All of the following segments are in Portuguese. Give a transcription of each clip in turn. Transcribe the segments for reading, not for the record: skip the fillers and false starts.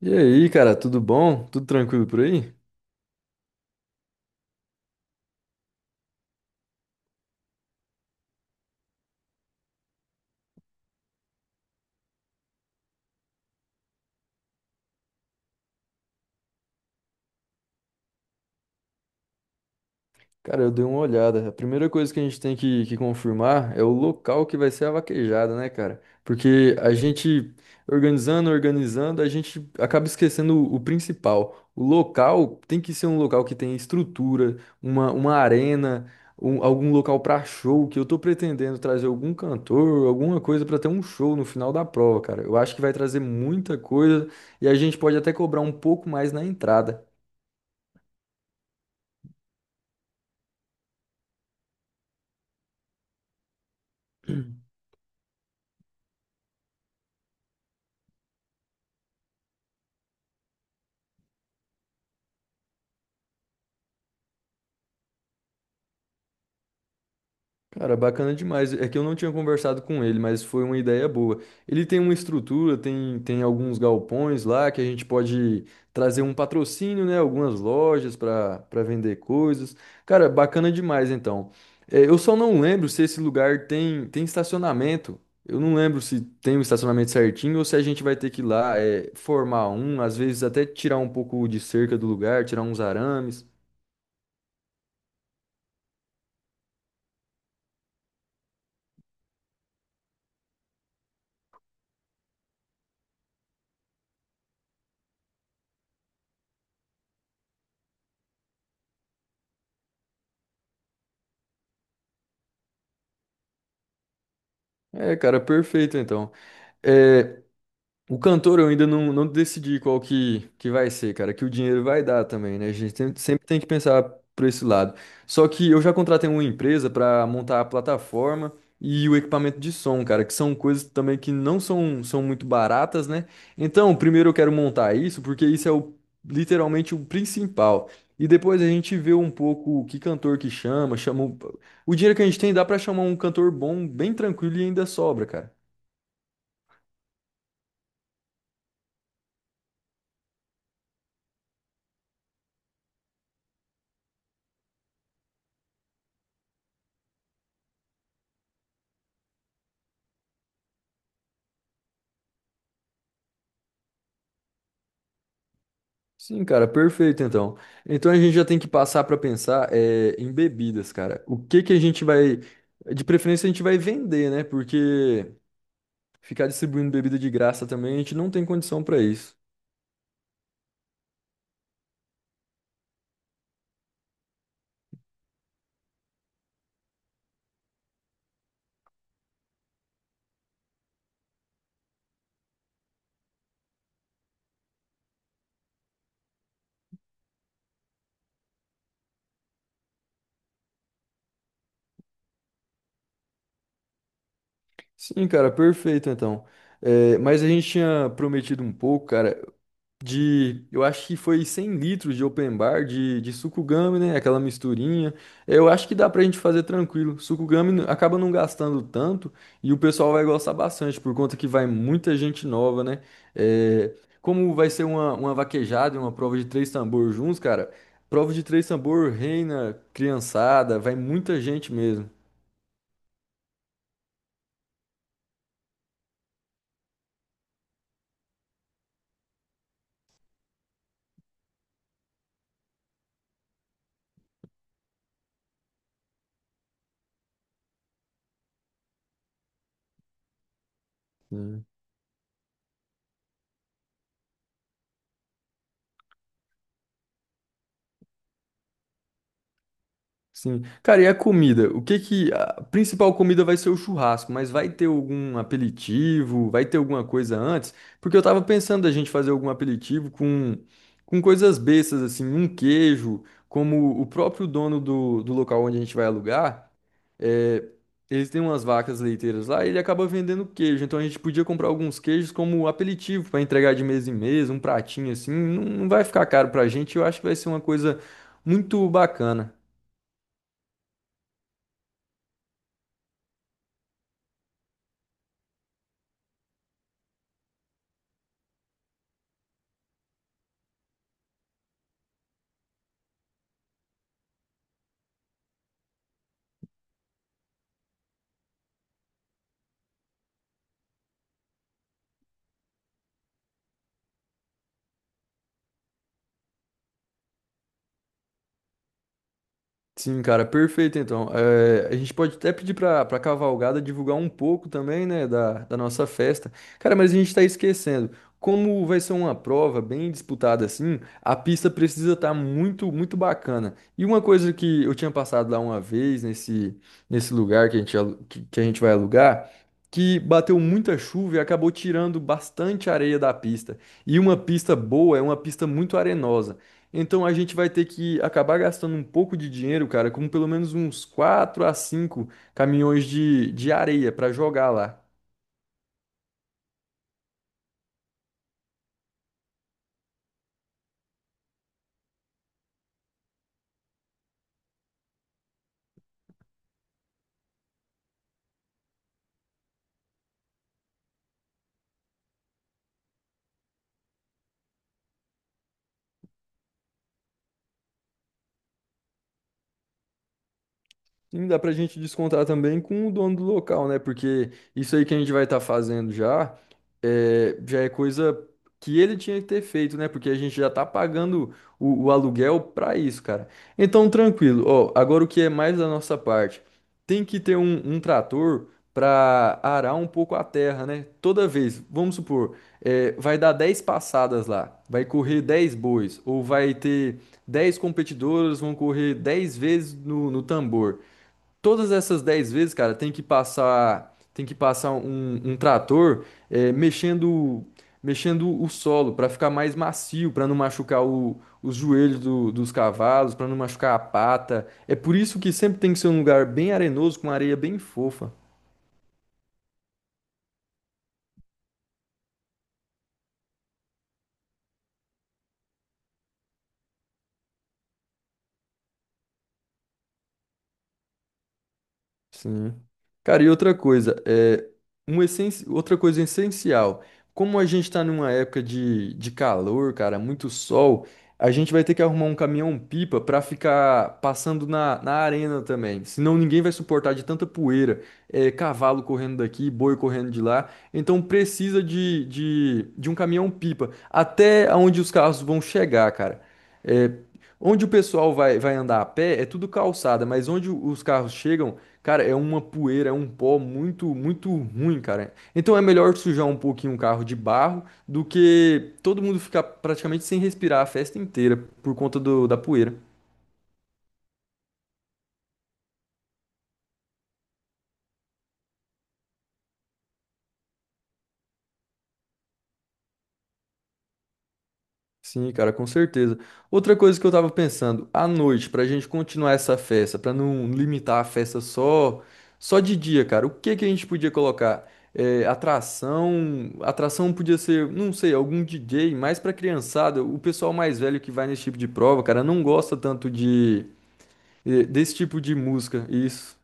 E aí, cara, tudo bom? Tudo tranquilo por aí? Cara, eu dei uma olhada. A primeira coisa que a gente tem que confirmar é o local que vai ser a vaquejada, né, cara? Porque a gente organizando, organizando, a gente acaba esquecendo o principal. O local tem que ser um local que tenha estrutura, uma arena, algum local pra show, que eu tô pretendendo trazer algum cantor, alguma coisa pra ter um show no final da prova, cara. Eu acho que vai trazer muita coisa e a gente pode até cobrar um pouco mais na entrada. Cara, bacana demais. É que eu não tinha conversado com ele, mas foi uma ideia boa. Ele tem uma estrutura, tem alguns galpões lá que a gente pode trazer um patrocínio, né? Algumas lojas para vender coisas. Cara, bacana demais então. É, eu só não lembro se esse lugar tem estacionamento. Eu não lembro se tem o estacionamento certinho ou se a gente vai ter que ir lá, formar um, às vezes até tirar um pouco de cerca do lugar, tirar uns arames. É, cara, perfeito então. É. O cantor eu ainda não decidi qual que vai ser, cara, que o dinheiro vai dar também, né? Sempre tem que pensar por esse lado. Só que eu já contratei uma empresa para montar a plataforma e o equipamento de som, cara, que são coisas também que não são muito baratas, né? Então, primeiro eu quero montar isso, porque isso é literalmente o principal. E depois a gente vê um pouco que cantor que chama, o dinheiro que a gente tem dá para chamar um cantor bom, bem tranquilo e ainda sobra, cara. Sim, cara, perfeito então. Então a gente já tem que passar para pensar em bebidas, cara. O que que a gente vai, de preferência a gente vai vender, né? Porque ficar distribuindo bebida de graça também a gente não tem condição para isso. Sim, cara, perfeito então. É, mas a gente tinha prometido um pouco, cara, eu acho que foi 100 litros de open bar de sucugame, né? Aquela misturinha. Eu acho que dá pra gente fazer tranquilo. Acaba não gastando tanto e o pessoal vai gostar bastante, por conta que vai muita gente nova, né? É, como vai ser uma vaquejada e uma prova de três tambor juntos, cara, prova de três tambor reina criançada, vai muita gente mesmo. Sim. Cara, e a comida? O que que a principal comida vai ser o churrasco, mas vai ter algum aperitivo? Vai ter alguma coisa antes? Porque eu tava pensando a gente fazer algum aperitivo com coisas bestas assim, um queijo, como o próprio dono do local onde a gente vai alugar, é, eles têm umas vacas leiteiras lá, e ele acaba vendendo queijo. Então a gente podia comprar alguns queijos como aperitivo para entregar de mesa em mesa, um pratinho assim, não vai ficar caro pra gente, eu acho que vai ser uma coisa muito bacana. Sim, cara, perfeito então. Eh, a gente pode até pedir para Cavalgada divulgar um pouco também, né, da nossa festa. Cara, mas a gente está esquecendo. Como vai ser uma prova bem disputada assim, a pista precisa estar muito, muito bacana. E uma coisa que eu tinha passado lá uma vez, nesse lugar que a gente, alu- que a gente vai alugar, que bateu muita chuva e acabou tirando bastante areia da pista. E uma pista boa é uma pista muito arenosa. Então a gente vai ter que acabar gastando um pouco de dinheiro, cara, com pelo menos uns 4 a 5 caminhões de areia para jogar lá. Sim, dá pra gente descontar também com o dono do local, né? Porque isso aí que a gente vai estar fazendo já é coisa que ele tinha que ter feito, né? Porque a gente já tá pagando o aluguel pra isso, cara. Então, tranquilo. Ó, agora o que é mais da nossa parte? Tem que ter um trator pra arar um pouco a terra, né? Toda vez, vamos supor, é, vai dar 10 passadas lá, vai correr 10 bois, ou vai ter 10 competidoras, vão correr 10 vezes no tambor todas essas 10 vezes, cara, tem que passar um trator mexendo, mexendo o solo para ficar mais macio, para não machucar os joelhos dos cavalos, para não machucar a pata. É por isso que sempre tem que ser um lugar bem arenoso, com areia bem fofa. Sim. Cara, e outra coisa, outra coisa essencial. Como a gente tá numa época de calor, cara, muito sol, a gente vai ter que arrumar um caminhão-pipa pra ficar passando na, na arena também. Senão ninguém vai suportar de tanta poeira, é, cavalo correndo daqui, boi correndo de lá. Então precisa de um caminhão-pipa até onde os carros vão chegar, cara. É, onde o pessoal vai, vai andar a pé é tudo calçada, mas onde os carros chegam, cara, é uma poeira, é um pó muito, muito ruim, cara. Então é melhor sujar um pouquinho um carro de barro do que todo mundo ficar praticamente sem respirar a festa inteira por conta da poeira. Sim, cara, com certeza. Outra coisa que eu tava pensando, à noite, pra gente continuar essa festa, pra não limitar a festa só de dia, cara, o que que a gente podia colocar? É, atração, atração podia ser, não sei, algum DJ, mais pra criançada, o pessoal mais velho que vai nesse tipo de prova, cara, não gosta tanto de desse tipo de música. Isso.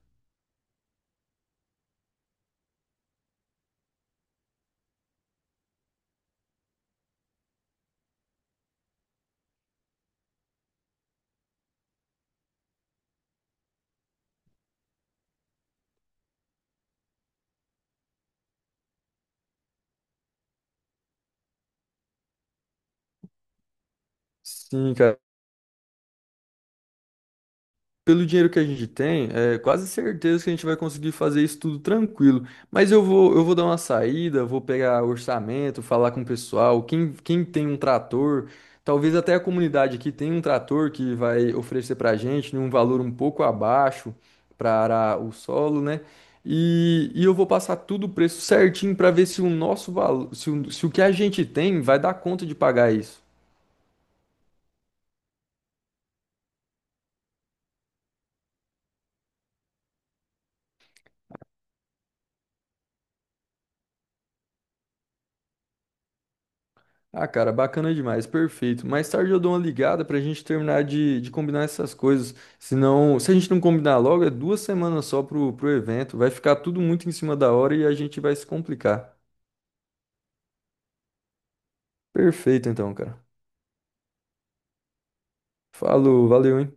Sim, cara. Pelo dinheiro que a gente tem, é quase certeza que a gente vai conseguir fazer isso tudo tranquilo. Mas eu vou dar uma saída, vou pegar orçamento, falar com o pessoal, quem tem um trator, talvez até a comunidade aqui tenha um trator que vai oferecer pra gente num valor um pouco abaixo para arar o solo, né? E eu vou passar tudo o preço certinho para ver se o nosso valor, se o que a gente tem vai dar conta de pagar isso. Ah, cara, bacana demais, perfeito. Mais tarde eu dou uma ligada pra gente terminar de combinar essas coisas. Senão, se a gente não combinar logo, é 2 semanas só pro evento. Vai ficar tudo muito em cima da hora e a gente vai se complicar. Perfeito, então, cara. Falou, valeu, hein?